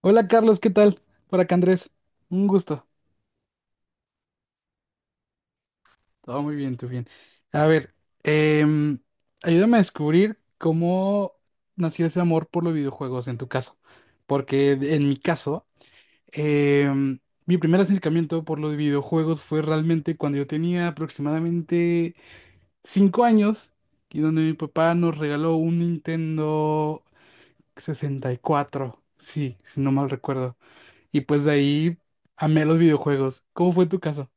Hola Carlos, ¿qué tal? Por acá Andrés, un gusto. Todo muy bien, tú bien. A ver, em, ayúdame a descubrir cómo nació ese amor por los videojuegos en tu caso. Porque en mi caso, em, mi primer acercamiento por los videojuegos fue realmente cuando yo tenía aproximadamente 5 años y donde mi papá nos regaló un Nintendo 64, sí, si no mal recuerdo. Y pues de ahí amé los videojuegos. ¿Cómo fue tu caso?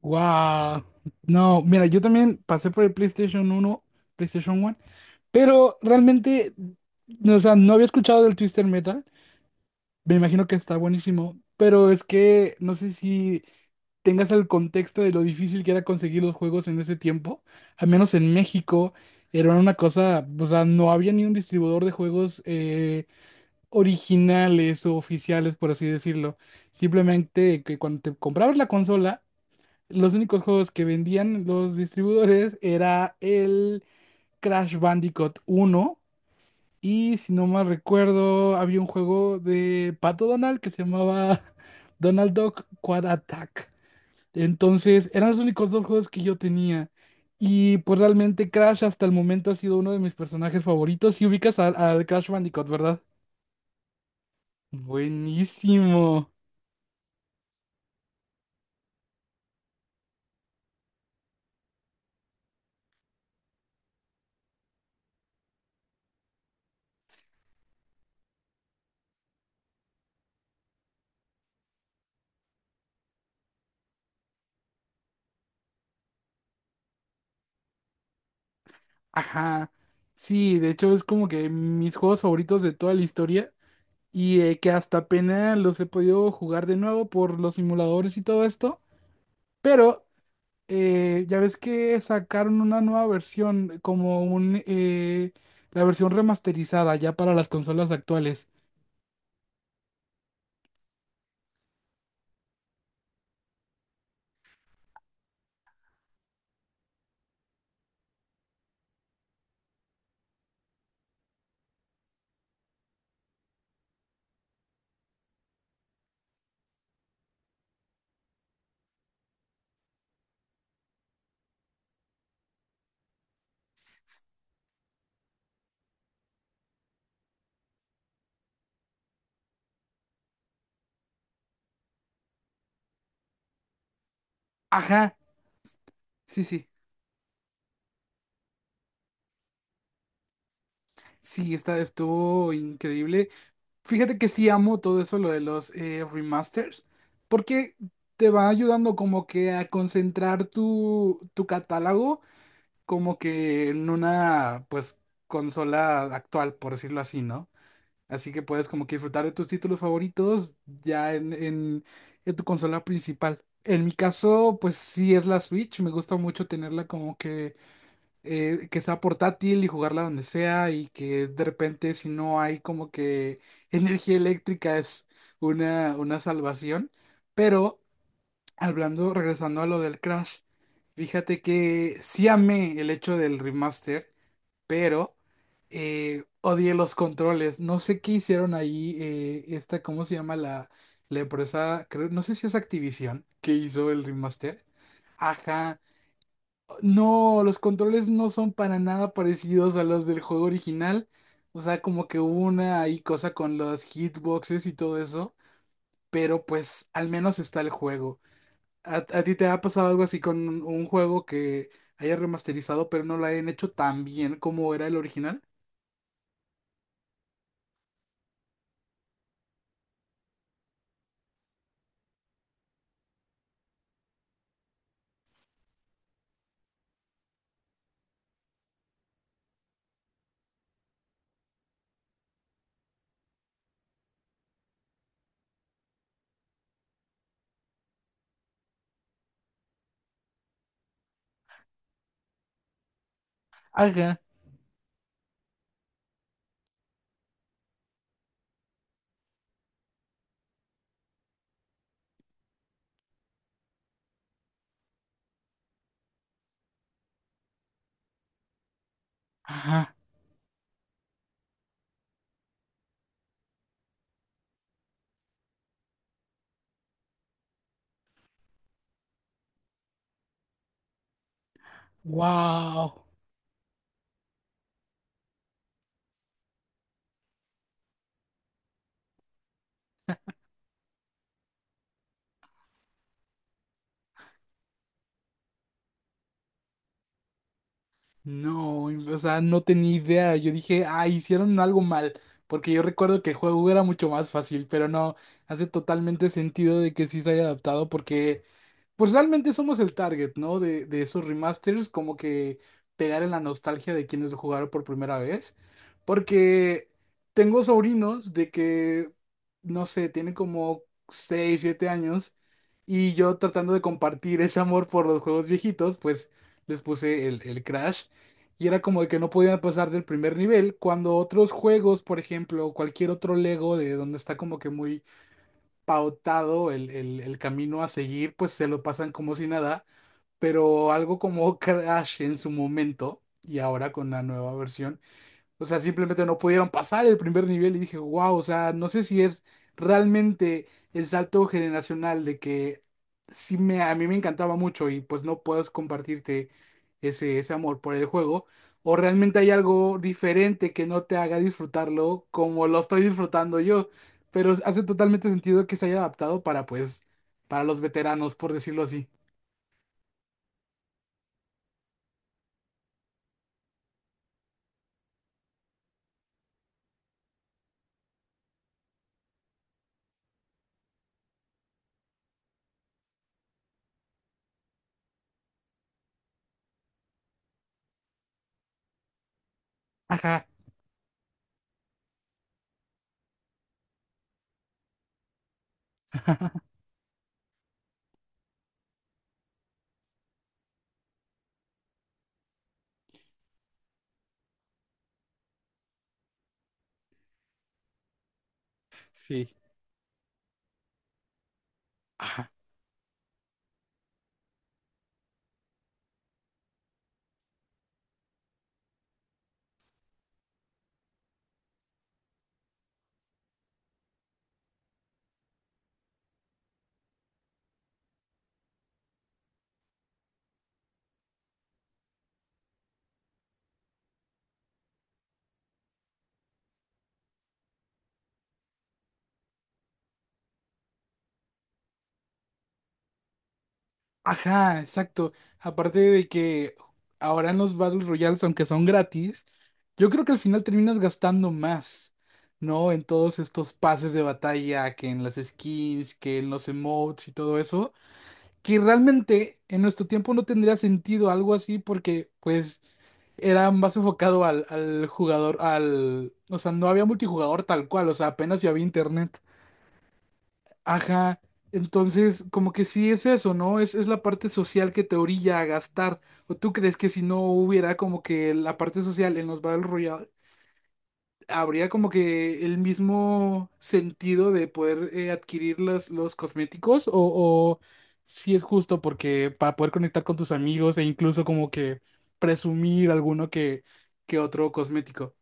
Wow. No, mira, yo también pasé por el PlayStation 1, pero realmente, no, o sea, no había escuchado del Twister Metal. Me imagino que está buenísimo, pero es que no sé si tengas el contexto de lo difícil que era conseguir los juegos en ese tiempo. Al menos en México era una cosa, o sea, no había ni un distribuidor de juegos originales o oficiales, por así decirlo. Simplemente que cuando te comprabas la consola, los únicos juegos que vendían los distribuidores era el Crash Bandicoot uno y si no mal recuerdo había un juego de Pato Donald que se llamaba Donald Duck Quad Attack. Entonces eran los únicos dos juegos que yo tenía y pues realmente Crash hasta el momento ha sido uno de mis personajes favoritos. Si ubicas al Crash Bandicoot, ¿verdad? Buenísimo. Ajá. Sí, de hecho es como que mis juegos favoritos de toda la historia. Y que hasta apenas los he podido jugar de nuevo por los simuladores y todo esto, pero ya ves que sacaron una nueva versión, la versión remasterizada ya para las consolas actuales. Ajá, sí, sí. Sí, esta estuvo increíble. Fíjate que sí amo todo eso, lo de los remasters, porque te va ayudando como que a concentrar tu catálogo como que en una, pues, consola actual, por decirlo así, ¿no? Así que puedes como que disfrutar de tus títulos favoritos ya en tu consola principal. En mi caso, pues sí es la Switch, me gusta mucho tenerla como que sea portátil y jugarla donde sea, y que de repente, si no hay como que energía eléctrica, es una salvación. Pero, regresando a lo del Crash, fíjate que sí amé el hecho del remaster, pero odié los controles. No sé qué hicieron ahí, esta, ¿cómo se llama la empresa? Creo, no sé si es Activision que hizo el remaster. Ajá. No, los controles no son para nada parecidos a los del juego original. O sea, como que hubo una ahí cosa con los hitboxes y todo eso, pero pues al menos está el juego. ¿A ti te ha pasado algo así con un juego que haya remasterizado, pero no lo hayan hecho tan bien como era el original? Ajá. Ajá. Wow. No, o sea, no tenía idea. Yo dije, ah, hicieron algo mal. Porque yo recuerdo que el juego era mucho más fácil, pero no, hace totalmente sentido de que sí se haya adaptado, porque pues realmente somos el target, ¿no? De esos remasters, como que pegar en la nostalgia de quienes lo jugaron por primera vez. Porque tengo sobrinos de que, no sé, tienen como 6 7 años, y yo tratando de compartir ese amor por los juegos viejitos, pues les puse el Crash y era como de que no podían pasar del primer nivel, cuando otros juegos, por ejemplo, cualquier otro Lego de donde está como que muy pautado el camino a seguir, pues se lo pasan como si nada, pero algo como Crash en su momento y ahora con la nueva versión, o sea, simplemente no pudieron pasar el primer nivel, y dije, wow, o sea, no sé si es realmente el salto generacional de que a mí me encantaba mucho y pues no puedes compartirte ese amor por el juego, o realmente hay algo diferente que no te haga disfrutarlo como lo estoy disfrutando yo, pero hace totalmente sentido que se haya adaptado para, pues, para los veteranos, por decirlo así. Ajá. Sí. Ajá. Ajá, exacto. Aparte de que ahora, en los Battle Royales, aunque son gratis, yo creo que al final terminas gastando más, ¿no? En todos estos pases de batalla, que en las skins, que en los emotes y todo eso, que realmente en nuestro tiempo no tendría sentido algo así porque pues era más enfocado al jugador, al... O sea, no había multijugador tal cual, o sea, apenas si había internet. Ajá, entonces como que sí es eso, ¿no? Es la parte social que te orilla a gastar. ¿O tú crees que si no hubiera como que la parte social en los Battle Royale, habría como que el mismo sentido de poder adquirir los cosméticos? ¿O si es justo porque para poder conectar con tus amigos e incluso como que presumir alguno que otro cosmético?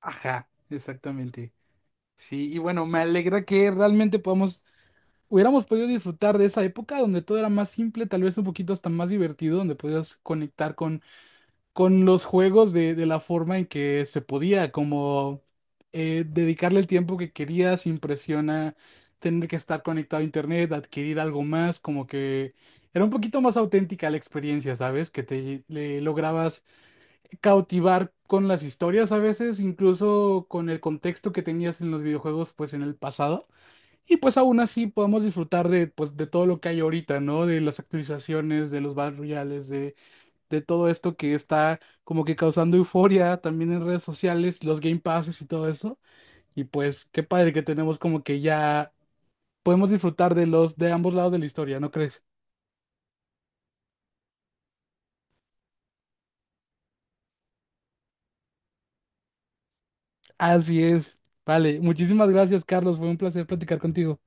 Ajá, exactamente. Sí, y bueno, me alegra que realmente podamos hubiéramos podido disfrutar de esa época donde todo era más simple, tal vez un poquito hasta más divertido, donde podías conectar con los juegos de la forma en que se podía, como dedicarle el tiempo que querías sin presión a tener que estar conectado a internet, adquirir algo más, como que era un poquito más auténtica la experiencia, ¿sabes? Que te le lograbas cautivar con las historias a veces, incluso con el contexto que tenías en los videojuegos, pues en el pasado. Y pues aún así podemos disfrutar de, pues, de todo lo que hay ahorita, ¿no? De las actualizaciones, de los Battle Royales, de todo esto que está como que causando euforia también en redes sociales, los Game Passes y todo eso. Y pues qué padre que tenemos como que ya podemos disfrutar de los de ambos lados de la historia, ¿no crees? Así es. Vale, muchísimas gracias, Carlos. Fue un placer platicar contigo.